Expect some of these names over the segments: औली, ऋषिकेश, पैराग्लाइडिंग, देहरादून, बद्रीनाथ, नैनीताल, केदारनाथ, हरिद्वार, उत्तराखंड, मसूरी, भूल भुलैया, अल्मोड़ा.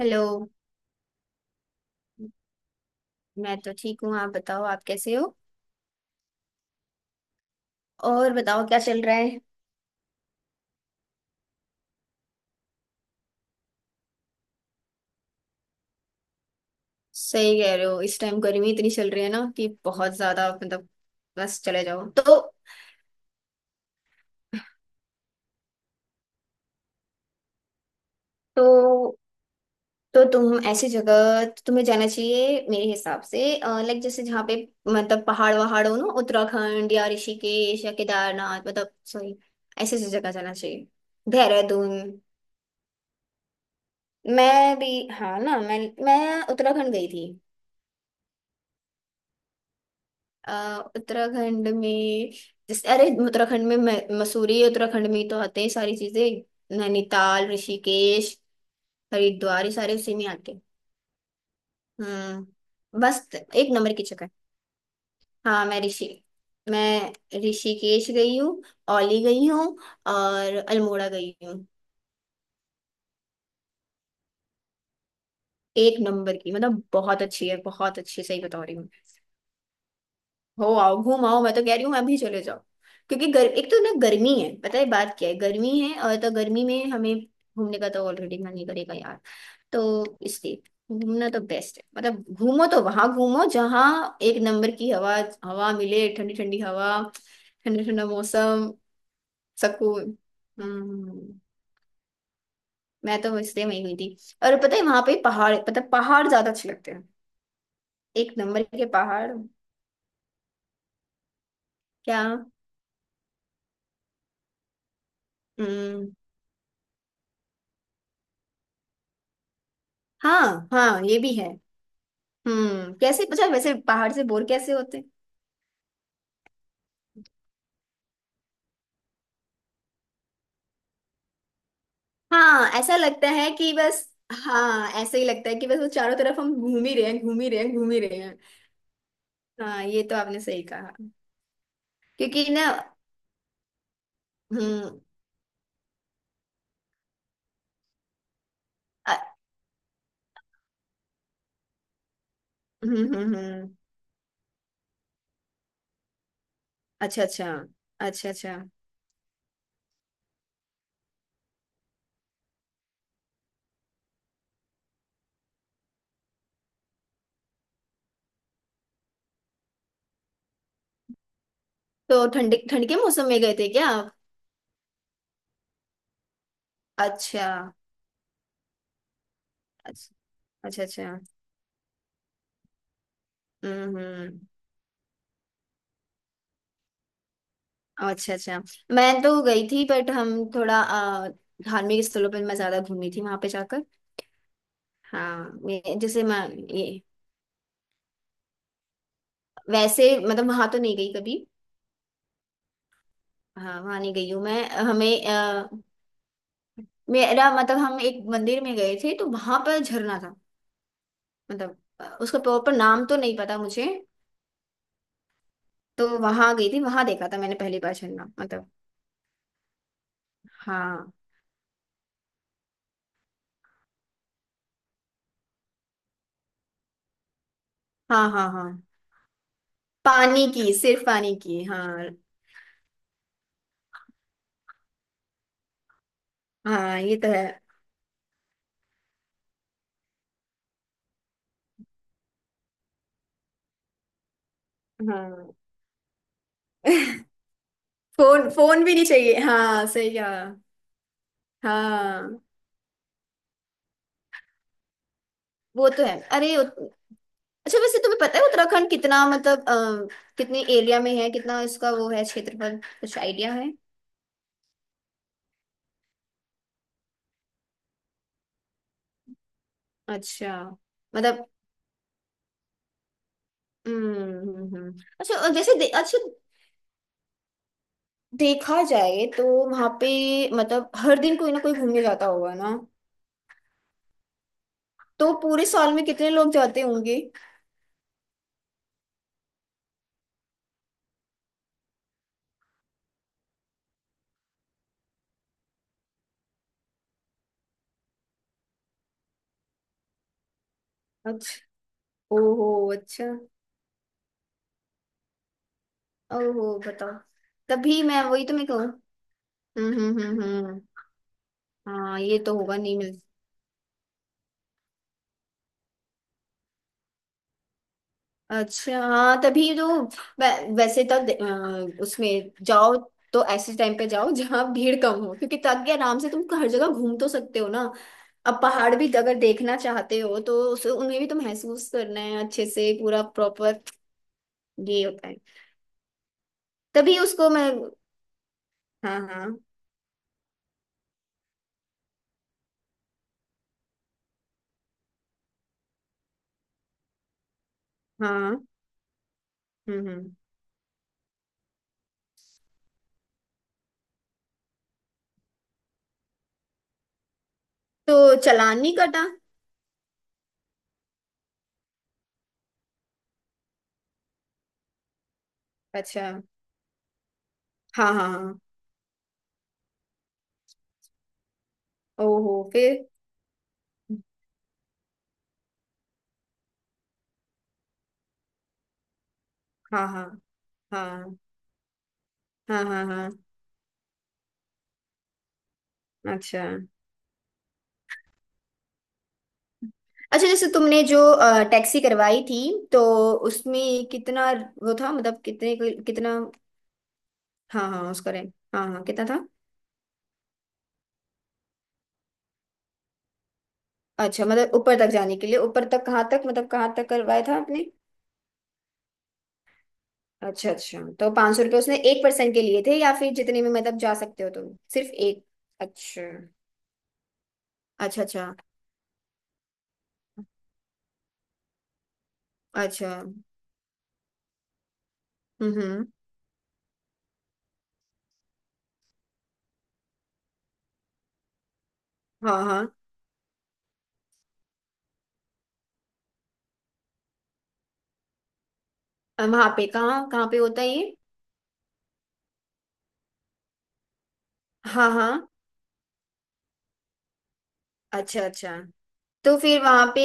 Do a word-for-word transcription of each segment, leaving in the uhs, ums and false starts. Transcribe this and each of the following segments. Hello. मैं तो ठीक हूँ, आप बताओ, आप कैसे हो। और बताओ, क्या चल रहा है। सही कह रहे हो, इस टाइम गर्मी इतनी चल रही है ना कि बहुत ज्यादा, मतलब बस चले जाओ तो। तो तो तुम ऐसी जगह तुम्हें जाना चाहिए मेरे हिसाब से। लाइक जैसे जहाँ पे मतलब पहाड़ वहाड़ हो ना, उत्तराखंड या ऋषिकेश या केदारनाथ, मतलब सॉरी, ऐसी ऐसी जगह जाना चाहिए, देहरादून। मैं भी, हाँ ना, मैं मैं उत्तराखंड गई थी। अ, उत्तराखंड में, जैसे, अरे उत्तराखंड में म- मसूरी, उत्तराखंड में ही तो आते हैं सारी चीजें, नैनीताल, ऋषिकेश, हरिद्वार, ये सारे उसी में आते हैं। हम्म, बस एक नंबर की जगह है। हाँ, मैं ऋषि मैं ऋषिकेश गई हूँ, औली गई हूँ, और अल्मोड़ा गई हूँ। एक नंबर की, मतलब बहुत अच्छी है, बहुत अच्छी, सही बता रही हूँ। हो आओ, घूम आओ, मैं तो कह रही हूँ, मैं अभी चले जाओ। क्योंकि गर, एक तो ना, गर्मी है, पता है बात क्या है, गर्मी है, और तो गर्मी में हमें घूमने का तो ऑलरेडी मन नहीं करेगा यार, तो इसलिए घूमना तो बेस्ट है। मतलब घूमो तो वहां घूमो जहाँ एक नंबर की हवा हवा मिले, ठंडी ठंडी हवा, ठंडा ठंडा मौसम, सुकून। हम्म, मैं तो इसलिए वहीं गई थी। और पता है वहां पे पहाड़, मतलब पहाड़ ज्यादा अच्छे लगते हैं, एक नंबर के पहाड़। क्या? हम्म, हाँ हाँ, ये भी है। हम्म, कैसे पता है वैसे, पहाड़ से बोर कैसे होते हैं? हाँ, ऐसा लगता है कि बस, हाँ ऐसे ही लगता है कि बस वो चारों तरफ हम घूम ही रहे हैं, घूम ही रहे हैं, घूम ही रहे हैं। हाँ, ये तो आपने सही कहा। क्योंकि ना। हम्म। अ- हम्म, हम्म, हम्म। अच्छा, अच्छा। अच्छा अच्छा। तो ठंड ठंड के मौसम में गए थे क्या आप? अच्छा, अच्छा। अच्छा अच्छा। हम्म हम्म। अच्छा अच्छा। मैं तो गई थी, बट हम थोड़ा अ, धार्मिक स्थलों पर मैं ज्यादा घूमी थी वहां पे जाकर। हाँ, ये जैसे मैं, ये, वैसे मतलब वहां तो नहीं गई कभी। हाँ, वहां नहीं गई हूँ मैं, हमें अ, मेरा मतलब हम एक मंदिर में गए थे तो वहां पर झरना था, मतलब अ, उसका प्रॉपर नाम तो नहीं पता मुझे। तो वहां गई थी, वहां देखा था मैंने पहली बार झरना, मतलब। हाँ हाँ हाँ। हाँ, पानी की, सिर्फ पानी की, हाँ। हाँ, ये तो है। हाँ। फोन, फोन भी नहीं चाहिए, हाँ सही कहा। हाँ, वो तो है, अरे। अच्छा वैसे तुम्हें पता है उत्तराखंड कितना, मतलब अ, कितने एरिया में है, कितना इसका वो है, क्षेत्रफल, कुछ आइडिया है? अच्छा। मतलब। हम्म हम्म, हम्म। अच्छा, और जैसे दे, अच्छा देखा जाए तो वहां पे मतलब हर दिन कोई ना कोई घूमने जाता होगा ना, तो पूरे साल में कितने लोग जाते होंगे? अच्छा। ओहो, अच्छा। ओहो, बताओ। तभी मैं, वही तो मैं कहूँ। हम्म हम्म हम्म हम्म। हाँ, ये तो होगा, नहीं मिल। अच्छा, हाँ तभी तो। वै- वैसे तो दे- अ, उसमें जाओ तो ऐसे टाइम पे जाओ जहाँ भीड़ कम हो, क्योंकि ताकि आराम से तुम हर जगह घूम तो सकते हो ना। अब पहाड़ भी अगर देखना चाहते हो तो उसे, उन्हें भी तो महसूस करना है अच्छे से, पूरा प्रॉपर, ये होता है। तभी उसको मैं, हाँ हाँ हाँ। हम्म हम्म। तो चालान नहीं कटा? अच्छा। हाँ हाँ हाँ। ओहो, फिर? हाँ हाँ। हाँ हाँ हाँ हाँ, हाँ, अच्छा। अच्छा जैसे तुमने जो अ, टैक्सी करवाई थी, तो उसमें कितना वो था, मतलब कितने, कितना। हाँ हाँ, उसका रेंट, हाँ हाँ, कितना था? अच्छा, मतलब ऊपर तक जाने के लिए, ऊपर तक कहाँ तक, मतलब कहाँ तक करवाया था आपने? अच्छा अच्छा। तो पाँच सौ रुपये उसने एक पर्सन के लिए थे, या फिर जितने में मतलब जा सकते हो तुम, सिर्फ एक? अच्छा अच्छा। अच्छा अच्छा। हम्म हम्म। हाँ हाँ, वहां पे कहाँ कहाँ पे होता है ये? हाँ हाँ, अच्छा अच्छा। तो फिर वहां पे।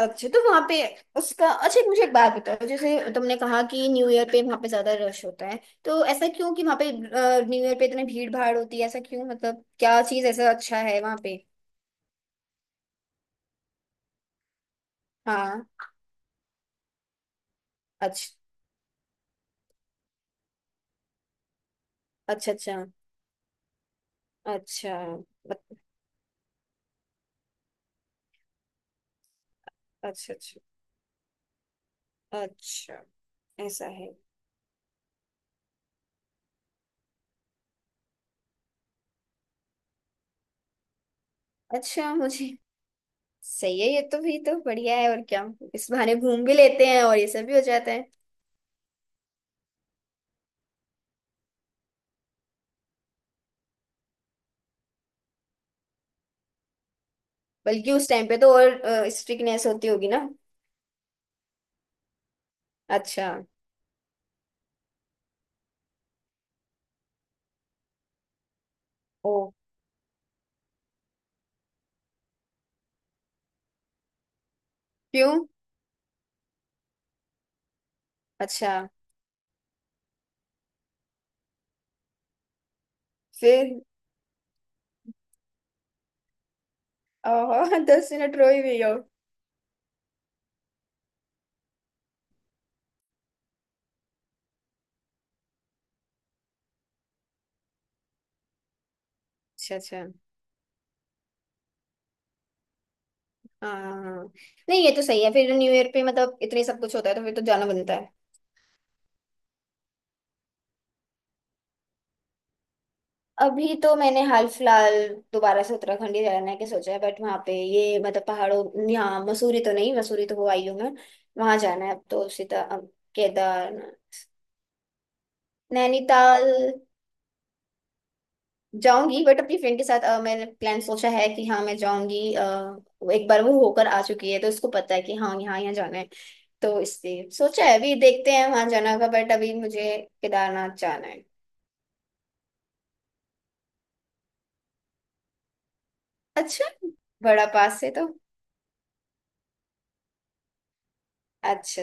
अच्छा, तो वहां पे उसका। अच्छा, एक मुझे एक बात बताओ, जैसे तुमने कहा कि न्यू ईयर पे वहां पे ज्यादा रश होता है, तो ऐसा क्यों कि वहां पे न्यू ईयर पे इतनी भीड़ भाड़ होती है, ऐसा क्यों, मतलब क्या चीज ऐसा अच्छा है वहां पे? हाँ। अच्छा अच्छा। अच्छा अच्छा। मत- अच्छा अच्छा। अच्छा, ऐसा है। अच्छा, मुझे। सही है, ये तो भी तो बढ़िया है, और क्या। इस बहाने घूम भी लेते हैं और ये सब भी हो जाता है। बल्कि उस टाइम पे तो और स्ट्रिकनेस होती होगी ना। अच्छा। ओ, क्यों? अच्छा, फिर? आहा दस मिनट रोई हुई हो? अच्छा अच्छा। हाँ हाँ हाँ। नहीं, ये तो सही है, फिर न्यू ईयर पे मतलब इतने सब कुछ होता है तो फिर तो जाना बनता है। अभी तो मैंने हाल फिलहाल दोबारा से उत्तराखंड ही जाने के सोचा है, बट वहाँ पे ये मतलब पहाड़ों, यहाँ मसूरी तो नहीं, मसूरी तो हो आई हूँ मैं, वहाँ जाना है, अब तो सीधा अब केदारनाथ, नैनीताल जाऊंगी, बट अपनी फ्रेंड के साथ। अ, मैंने प्लान सोचा है कि हाँ मैं जाऊंगी। अ, वो एक बार वो होकर आ चुकी है तो उसको पता है कि हाँ यहाँ यहाँ जाना है, तो इसलिए सोचा है। अभी देखते हैं वहां जाना का, बट अभी मुझे केदारनाथ जाना है। अच्छा, बड़ा पास है तो। अच्छा अच्छा।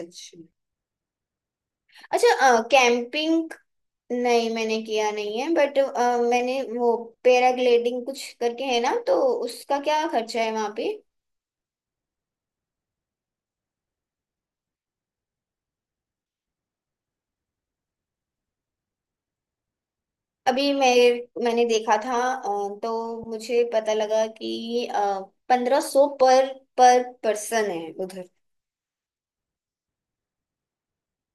अच्छा कैंपिंग। नहीं, मैंने किया नहीं है, बट मैंने वो पैराग्लाइडिंग कुछ करके है ना, तो उसका क्या खर्चा है वहां पे? अभी मैं, मैंने देखा था, अ, तो मुझे पता लगा कि पंद्रह सौ पर पर पर्सन है उधर।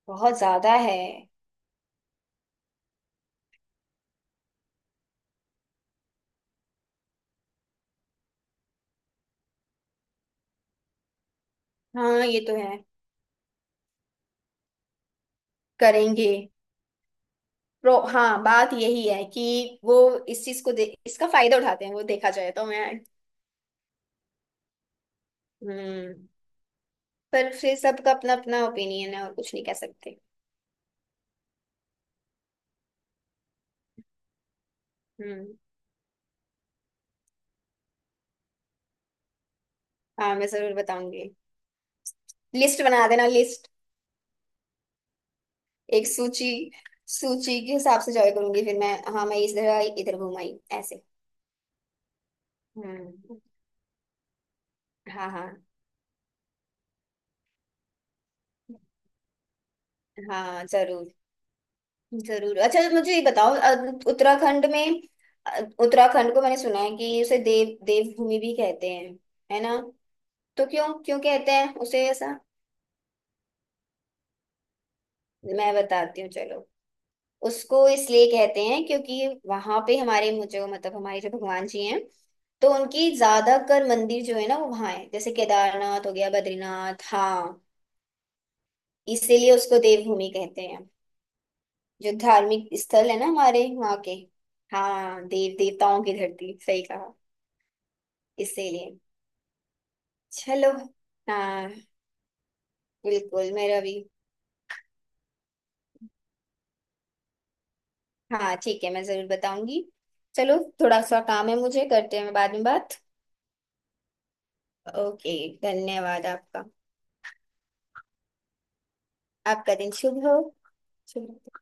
बहुत ज्यादा है। हाँ, ये तो है, करेंगे। प्रो, हाँ, बात यही है कि वो इस चीज को दे, इसका फायदा उठाते हैं वो, देखा जाए तो मैं। हम्म। पर फिर सबका अपना अपना ओपिनियन है, और कुछ नहीं कह सकते। हम्म। हाँ मैं जरूर बताऊंगी। लिस्ट बना देना, लिस्ट, एक सूची। सूची के हिसाब से जॉय करूंगी फिर मैं, हाँ मैं इधर आई, इधर घूम आई, ऐसे। हम्म। हाँ हाँ। हाँ जरूर, जरूर। अच्छा मुझे ये बताओ, अ, उत्तराखंड में, अ, उत्तराखंड को मैंने सुना है कि उसे देव देवभूमि भी कहते हैं, है ना, तो क्यों, क्यों कहते हैं उसे ऐसा? मैं बताती हूँ चलो। उसको इसलिए कहते हैं क्योंकि वहां पे हमारे, मुझे मतलब हमारे जो भगवान जी हैं, तो उनकी ज्यादातर मंदिर जो है ना, वो वहां है, जैसे केदारनाथ हो गया, बद्रीनाथ, हाँ, इसीलिए उसको देवभूमि कहते हैं, जो धार्मिक स्थल है ना हमारे वहाँ के। हाँ, देव देवताओं की धरती, सही कहा। इसीलिए। चलो। हाँ, बिल्कुल, मेरा भी। हाँ ठीक है, मैं जरूर बताऊंगी। चलो थोड़ा सा काम है मुझे, करते हैं बाद में बात। ओके, धन्यवाद आपका। आपका दिन शुभ हो, शुभ।